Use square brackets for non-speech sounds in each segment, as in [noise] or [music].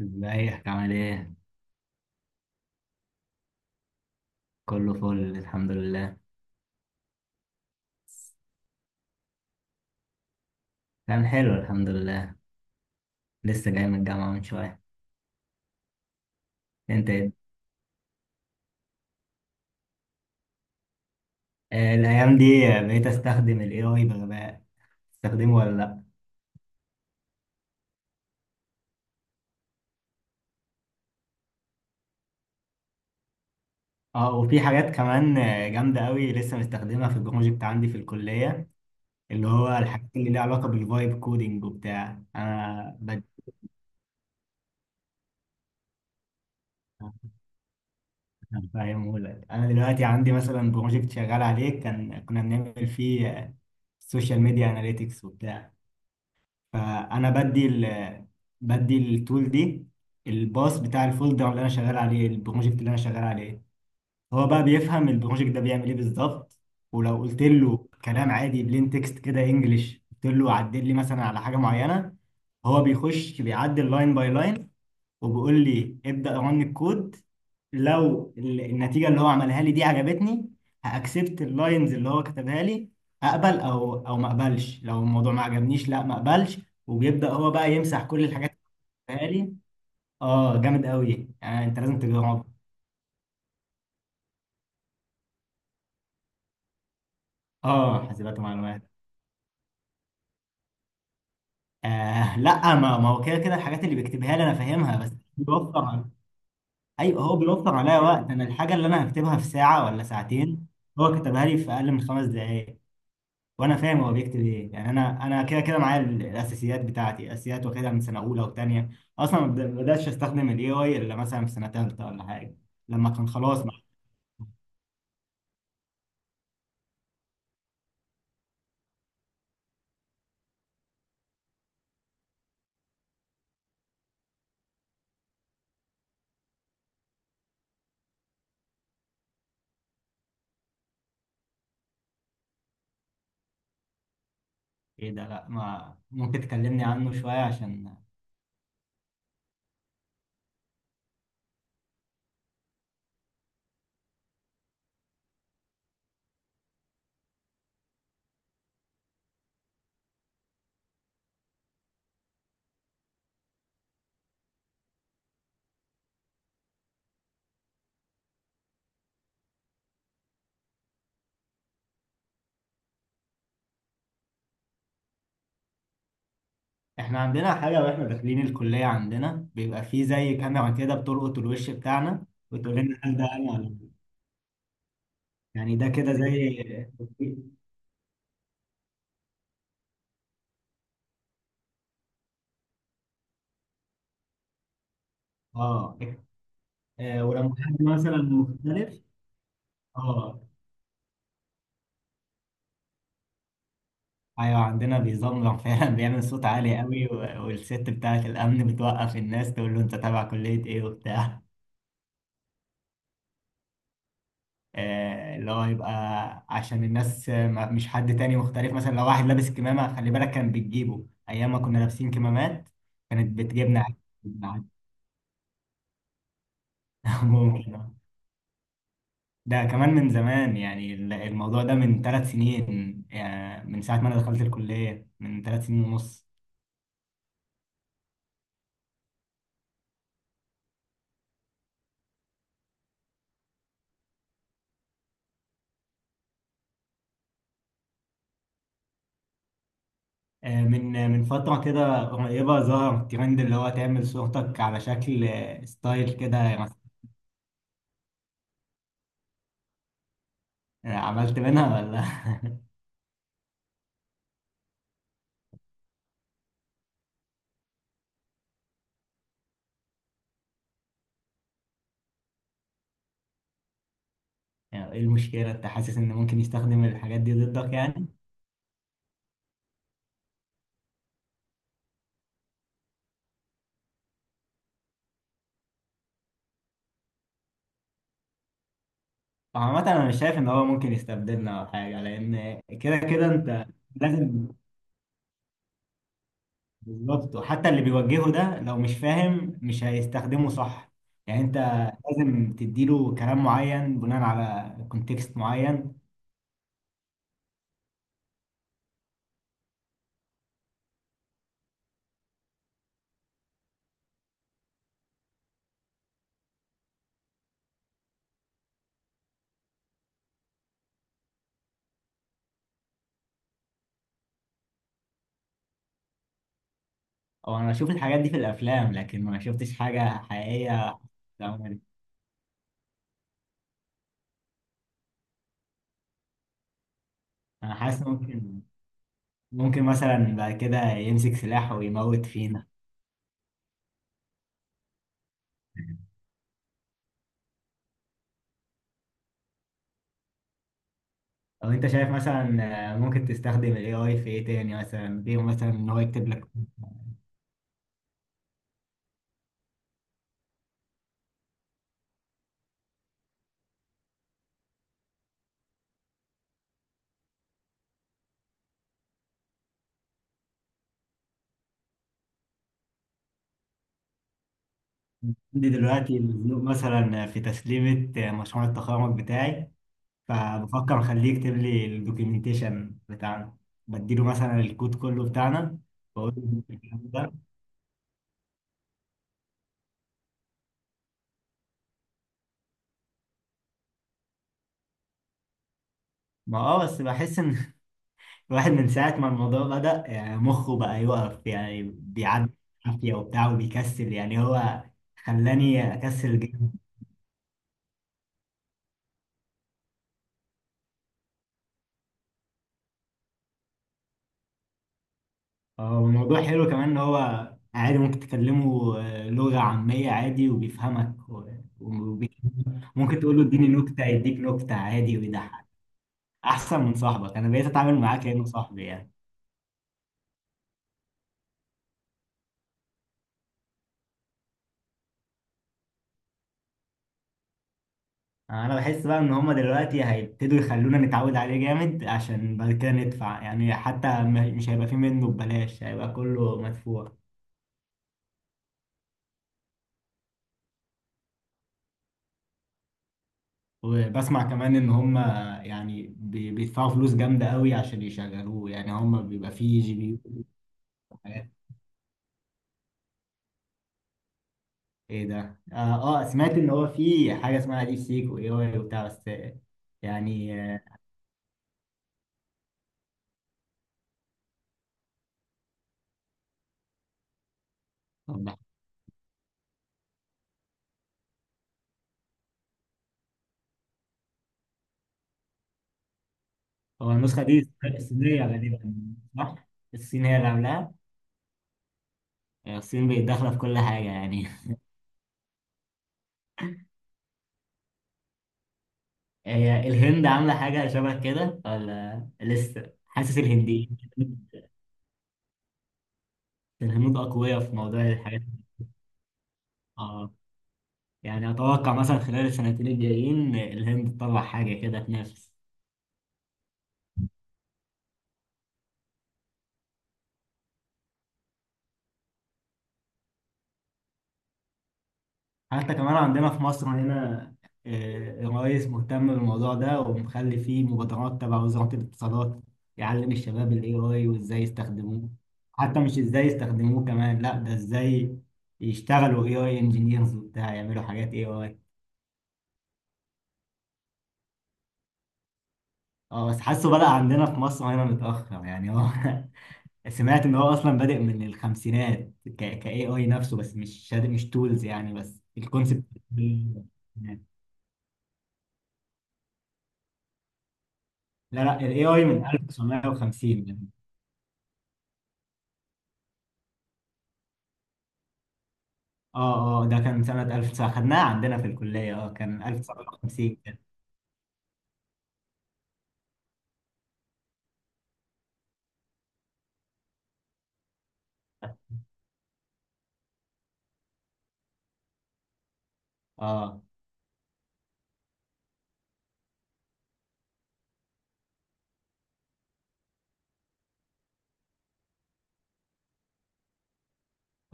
ازيك عامل ايه؟ كله فل الحمد لله. كان حلو الحمد لله. لسه جاي من الجامعة من شوية. انت ايه؟ آه، الأيام دي بقيت استخدم ال AI بغباء. تستخدمه ولا لأ؟ اه وفي حاجات كمان جامدة قوي، لسه مستخدمها في البروجكت عندي في الكلية. اللي هو الحاجات اللي ليها علاقة بالفايب كودينج وبتاع، فاهمه لك. انا دلوقتي عندي مثلا بروجكت شغال عليه، كان كنا بنعمل فيه سوشيال ميديا اناليتكس وبتاع. فانا بدي ال بدي التول دي، الباص بتاع الفولدر اللي انا شغال عليه، البروجكت اللي انا شغال عليه. هو بقى بيفهم البروجكت ده بيعمل ايه بالظبط، ولو قلت له كلام عادي بلين تكست كده انجلش، قلت له عدل لي مثلا على حاجه معينه، هو بيخش بيعدل لاين باي لاين، وبيقول لي ابدأ رن الكود. لو النتيجة اللي هو عملها لي دي عجبتني، هأكسبت اللاينز اللي هو كتبها لي، أقبل، أو ما أقبلش. لو الموضوع ما عجبنيش، لا ما أقبلش، وبيبدأ هو بقى يمسح كل الحاجات اللي كتبها لي. اه جامد قوي يعني، أنت لازم تجربه. اه حاسبات ومعلومات. آه لا، ما هو كده كده الحاجات اللي بيكتبها لي أنا فاهمها، بس بيوفر على- أيوه هو بيوفر عليا وقت. أنا الحاجة اللي أنا هكتبها في ساعة ولا ساعتين، هو كتبها لي في أقل من 5 دقايق. وانا فاهم هو بيكتب ايه. يعني انا كده كده معايا الاساسيات بتاعتي، الاساسيات واخدها من سنه اولى وثانيه. اصلا ما بداتش استخدم الاي اي الا مثلا في سنه ثالثه ولا حاجه، لما كان خلاص مع. ايه ده؟ لا ما، ممكن تكلمني عنه شويه عشان احنا عندنا حاجه، واحنا داخلين الكليه عندنا بيبقى فيه زي كاميرا كده بتلقط الوش بتاعنا، وتقول لنا هل ده انا ولا لأ. يعني ده كده زي. اه ولما حد مثلا مختلف. اه ايوه، عندنا بيزمجم [laughs] فعلا بيعمل صوت عالي قوي، و- والست بتاعه الامن بتوقف الناس تقول له انت تابع كليه ايه وبتاع. اللي هو يبقى عشان الناس، ما- مش حد تاني مختلف. مثلا لو واحد لابس كمامه، خلي بالك كان بتجيبه ايام ما كنا لابسين كمامات، كانت بتجيبنا عادي. [laughs] ممكن آه. ده كمان من زمان يعني الموضوع ده من 3 سنين، يعني من ساعه ما انا دخلت الكليه من 3 سنين ونص. من من فترة كده قريبة ظهر ترند اللي هو تعمل صورتك على شكل ستايل كده مثلا. آه، عملت منها ولا؟ [laughs] يعني ايه المشكلة؟ انت حاسس ان ممكن يستخدم الحاجات دي ضدك يعني؟ عامة انا مش شايف ان هو ممكن يستبدلنا او حاجة، لان كده كده انت لازم. بالظبط، وحتى اللي بيوجهه ده لو مش فاهم مش هيستخدمه صح. يعني انت لازم تديله كلام معين بناء على كونتكست معين. او انا بشوف الحاجات دي في الافلام، لكن ما شفتش حاجه حقيقيه عموماً. انا حاسس ممكن، ممكن مثلا بعد كده يمسك سلاح ويموت فينا. او انت شايف مثلا ممكن تستخدم الاي اي في ايه تاني مثلا، غير مثلا ان هو يكتب لك؟ عندي دلوقتي مزنوق مثلا في تسليمه مشروع التخرج بتاعي، فبفكر اخليه يكتب لي الدوكيومنتيشن بتاعنا، بديله مثلا الكود كله بتاعنا، بقول له الكلام ده. ما اه بس بحس ان الواحد من ساعة ما الموضوع بدأ يعني مخه بقى يقف، يعني بيعدي عافية وبتاع، وبيكسل. يعني هو خلاني أكسل جدا. والموضوع حلو كمان إن هو عادي، ممكن تكلمه لغة عامية عادي وبيفهمك، و- وبي- ممكن تقول له اديني نكتة، يديك نكتة عادي ويضحك أحسن من صاحبك. أنا بقيت أتعامل معاه كأنه صاحبي يعني. انا بحس بقى ان هما دلوقتي هيبتدوا يخلونا نتعود عليه جامد، عشان بعد كده ندفع. يعني حتى م- مش هيبقى فيه منه ببلاش، هيبقى كله مدفوع. وبسمع كمان ان هما، يعني بي- بيدفعوا فلوس جامدة قوي عشان يشغلوه. يعني هما بيبقى فيه جي بي يو وحاجات. ايه ده؟ اه سمعت ان هو فيه حاجة اسمها ديب سيك واي اي وبتاع، بس يعني آه، الله. هو النسخة دي الصينية غالبا صح؟ الصين هي اللي عاملاها. يعني الصين بقت داخلة في كل حاجة يعني. هي الهند عاملة حاجة شبه كده ولا لسه؟ حاسس الهنديين، الهنود أقوياء في موضوع الحاجات دي. اه يعني أتوقع مثلا خلال السنتين الجايين الهند تطلع حاجة كده تنافس. حتى كمان عندنا في مصر هنا الرئيس مهتم بالموضوع ده، ومخلي فيه مبادرات تبع وزارة الاتصالات، يعلم الشباب ال AI وإزاي يستخدموه. حتى مش إزاي يستخدموه كمان، لا ده إزاي يشتغلوا AI engineers وبتاع، يعملوا حاجات AI. اه بس حاسه بدأ عندنا في مصر هنا متأخر يعني هو. [laughs] سمعت ان هو اصلا بادئ من الخمسينات، ك AI نفسه، بس مش تولز يعني، بس الكونسبت. [laughs] لا ال AI من 1950 يعني. اه اه ده كان سنة 1900، خدناه عندنا في الكلية، اه كان 1950 كده. اه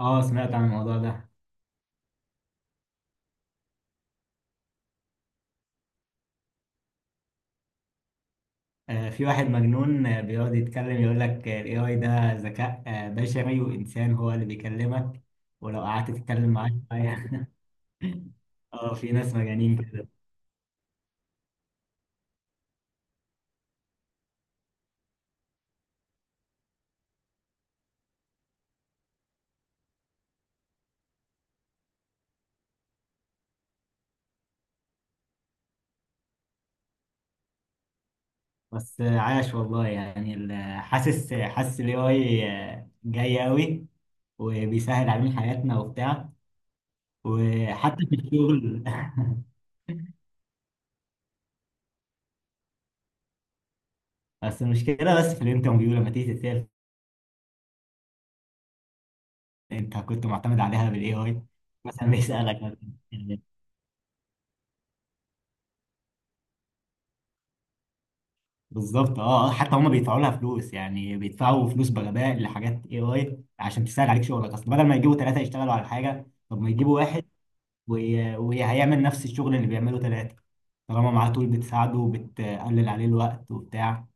اه سمعت عن الموضوع ده. آه في واحد مجنون بيقعد يتكلم، يقول لك ال AI ده ذكاء بشري وإنسان هو اللي بيكلمك ولو قعدت تتكلم معاه شوية. [laughs] اه في ناس مجانين كده. بس عاش والله يعني ال- حاسس، حاسس ال AI جاي قوي، وبيسهل علينا حياتنا وبتاع، وحتى في الشغل. [laughs] بس المشكلة بس في الانترفيو لما تيجي تتسأل، انت كنت معتمد عليها بال AI. مثلا بيسألك. بالظبط اه، حتى هم بيدفعوا لها فلوس، يعني بيدفعوا فلوس بغباء لحاجات AI عشان تسهل عليك شغلك. اصل بدل ما يجيبوا 3 يشتغلوا على حاجة، طب ما يجيبوا واحد وي- وهيعمل نفس الشغل اللي بيعمله 3، طالما معاه تول بتساعده وبتقلل عليه الوقت وبتاع،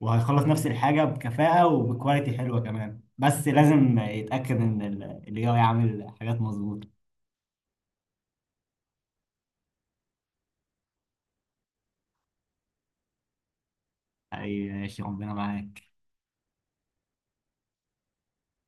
وهيخلص نفس الحاجة بكفاءة وبكواليتي حلوة كمان. بس لازم يتأكد إن ال AI عامل حاجات مظبوطة. ماشي ربنا معاك.